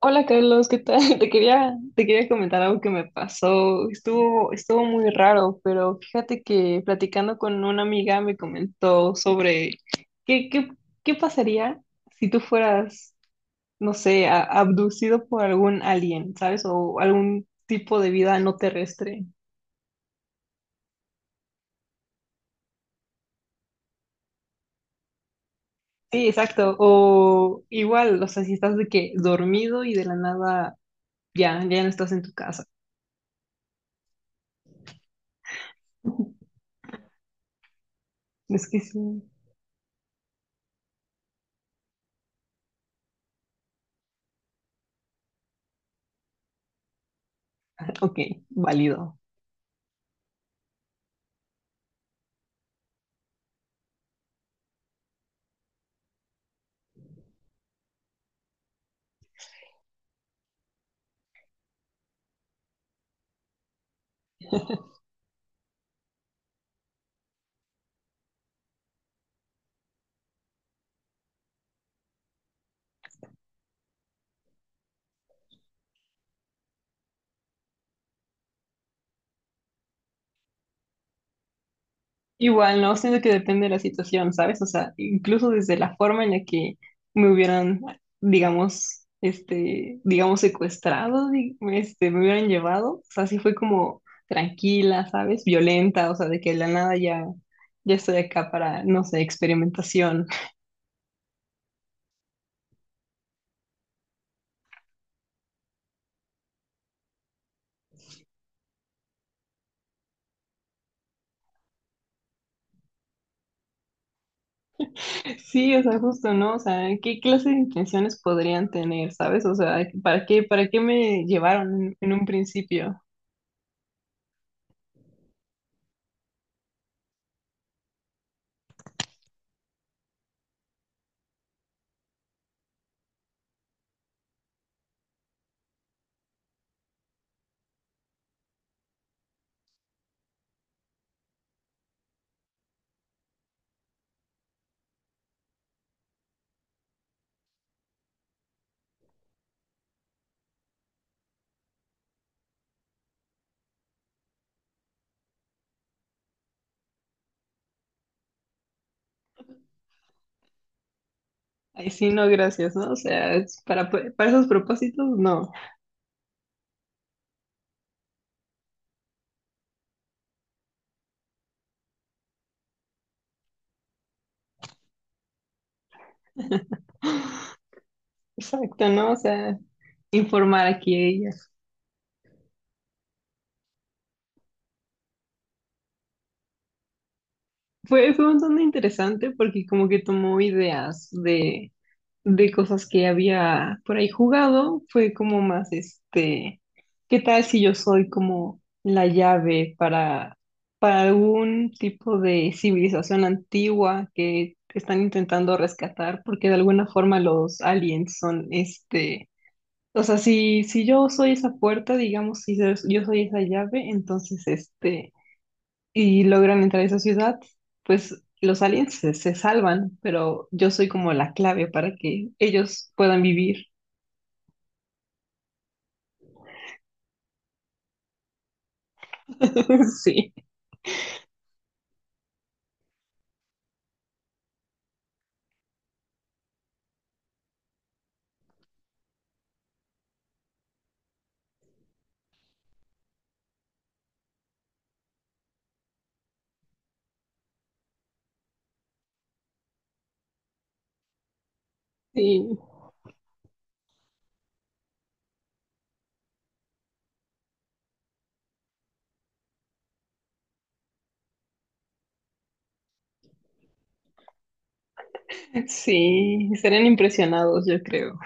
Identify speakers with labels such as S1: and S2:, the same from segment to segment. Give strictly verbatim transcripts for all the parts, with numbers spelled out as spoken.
S1: Hola Carlos, ¿qué tal? Te quería, te quería comentar algo que me pasó. Estuvo, estuvo muy raro, pero fíjate que platicando con una amiga me comentó sobre qué, qué, qué pasaría si tú fueras, no sé, a- abducido por algún alien, ¿sabes? O algún tipo de vida no terrestre. Sí, exacto. O igual, o sea, si estás de que dormido y de la nada ya, ya no estás en tu casa. Es que sí. Ok, válido. Igual, no, siento que depende de la situación, ¿sabes? O sea, incluso desde la forma en la que me hubieran, digamos, este, digamos, secuestrado, di- este, me hubieran llevado, o sea, sí fue como tranquila, ¿sabes? Violenta, o sea, de que de la nada ya, ya estoy acá para, no sé, experimentación. Sí, o sea, justo, ¿no? O sea, ¿qué clase de intenciones podrían tener, ¿sabes? O sea, ¿para qué, para qué me llevaron en en un principio? Ay, sí, no, gracias, ¿no? O sea, es para, para esos propósitos, no. Exacto, ¿no? O sea, informar aquí a ella. Fue, fue bastante interesante porque como que tomó ideas de, de cosas que había por ahí jugado. Fue como más este, ¿qué tal si yo soy como la llave para, para algún tipo de civilización antigua que están intentando rescatar? Porque de alguna forma los aliens son este. O sea, si, si yo soy esa puerta, digamos, si yo yo soy esa llave, entonces, este, y logran entrar a esa ciudad, pues los aliens se, se salvan, pero yo soy como la clave para que ellos puedan vivir. Sí, sí, sí, serían impresionados, yo creo.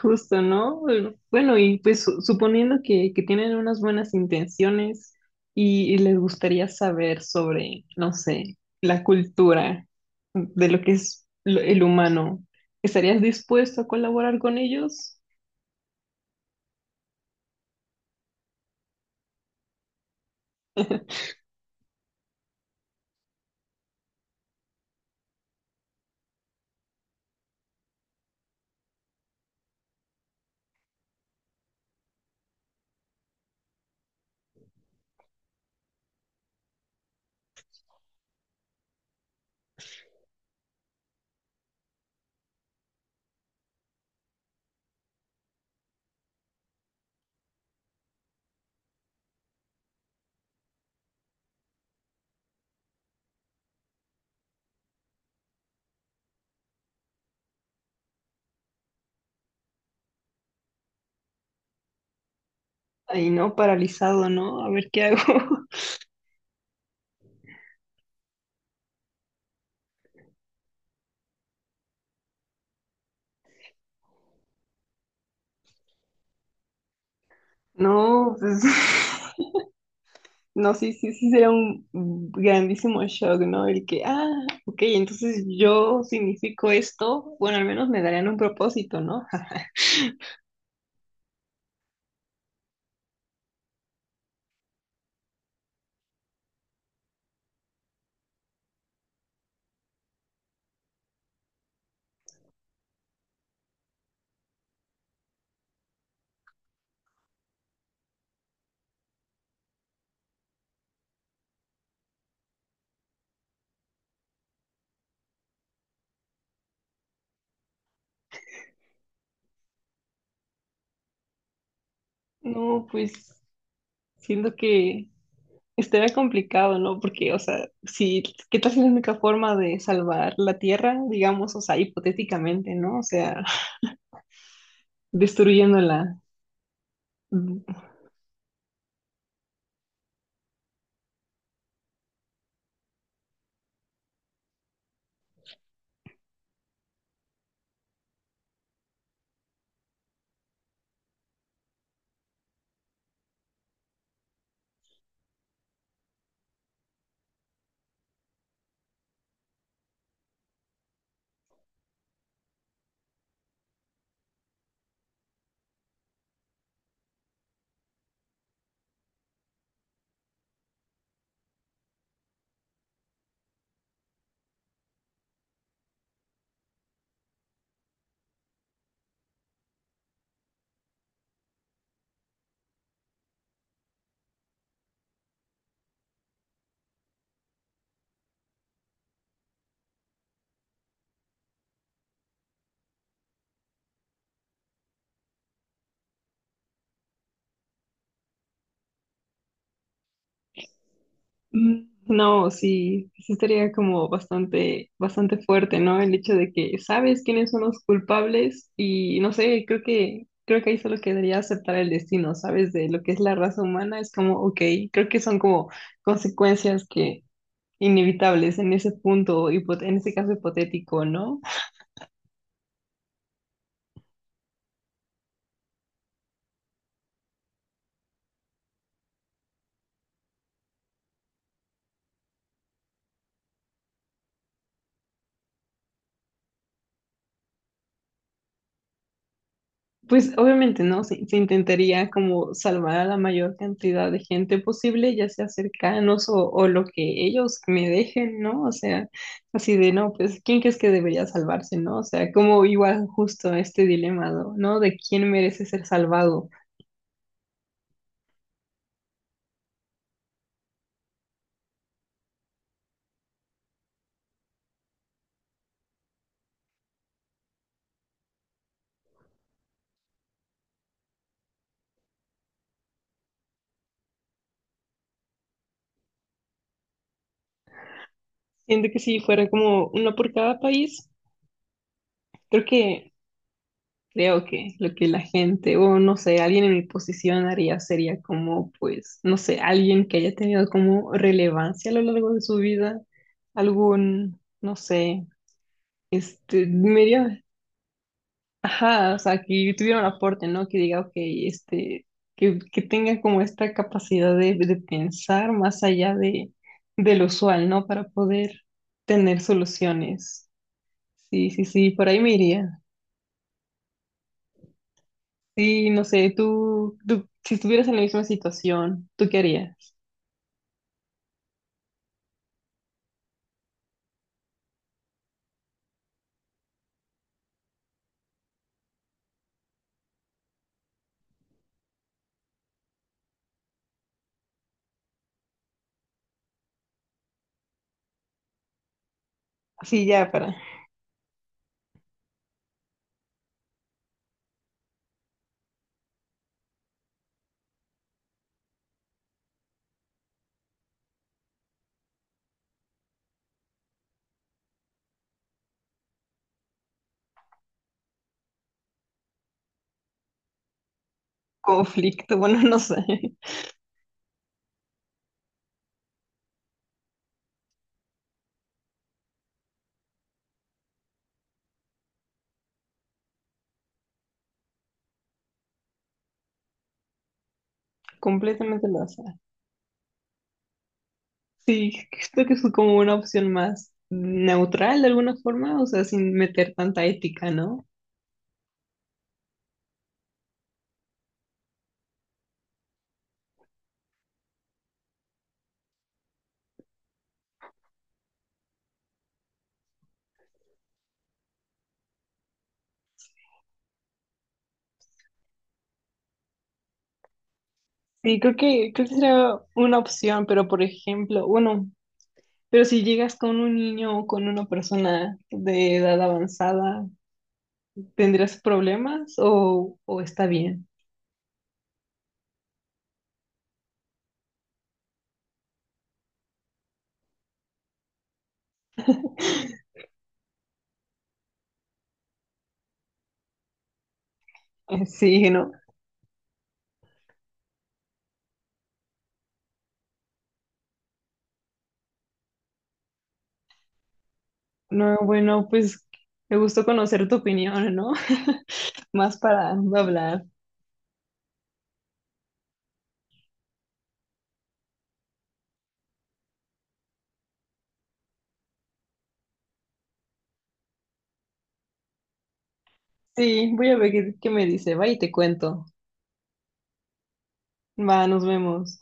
S1: Justo, ¿no? Bueno, bueno, y pues su- suponiendo que, que tienen unas buenas intenciones y, y les gustaría saber sobre, no sé, la cultura de lo que es lo- el humano, ¿estarías dispuesto a colaborar con ellos? Ahí no, paralizado, ¿no? A ver qué hago. No, pues, no, sí, sí, sí, sería un grandísimo shock, ¿no? El que, ah, ok, entonces yo significo esto, bueno, al menos me darían un propósito, ¿no? No, pues siento que estaría complicado, ¿no? Porque, o sea, si, ¿qué tal si la única forma de salvar la Tierra, digamos, o sea, hipotéticamente, ¿no? O sea, destruyéndola. Mm. No, sí, sí estaría como bastante, bastante fuerte, ¿no? El hecho de que sabes quiénes son los culpables y no sé, creo que, creo que ahí solo quedaría aceptar el destino, ¿sabes? De lo que es la raza humana, es como, ok, creo que son como consecuencias que inevitables en ese punto, hipo- en ese caso hipotético, ¿no? Pues obviamente, ¿no? Se, se intentaría como salvar a la mayor cantidad de gente posible, ya sea cercanos o, o lo que ellos me dejen, ¿no? O sea, así de, no, pues, ¿quién crees que debería salvarse, ¿no? O sea, como igual justo este dilema, ¿no? ¿No? De quién merece ser salvado. Siento que si fuera como uno por cada país, creo que Creo que lo que la gente, o no sé, alguien en mi posición haría sería como, pues, no sé, alguien que haya tenido como relevancia a lo largo de su vida, algún, no sé, este, medio, ajá, o sea, que tuviera un aporte, ¿no? Que diga, ok, este, que, que tenga como esta capacidad de, de pensar más allá de, de lo usual, ¿no? Para poder tener soluciones. Sí, sí, sí, por ahí me iría. Sí, no sé, tú, tú, si estuvieras en la misma situación, ¿tú qué harías? Así ya para conflicto, bueno, no sé, completamente lo sé. Sí, creo que es como una opción más neutral de alguna forma, o sea, sin meter tanta ética, ¿no? Sí, creo que, creo que sería una opción, pero por ejemplo, bueno, pero si llegas con un niño o con una persona de edad avanzada, ¿tendrías problemas o, o está bien? Sí, ¿no? No, bueno, pues me gustó conocer tu opinión, ¿no? Más para no hablar. Sí, voy a ver qué, qué me dice. Va y te cuento. Va, nos vemos.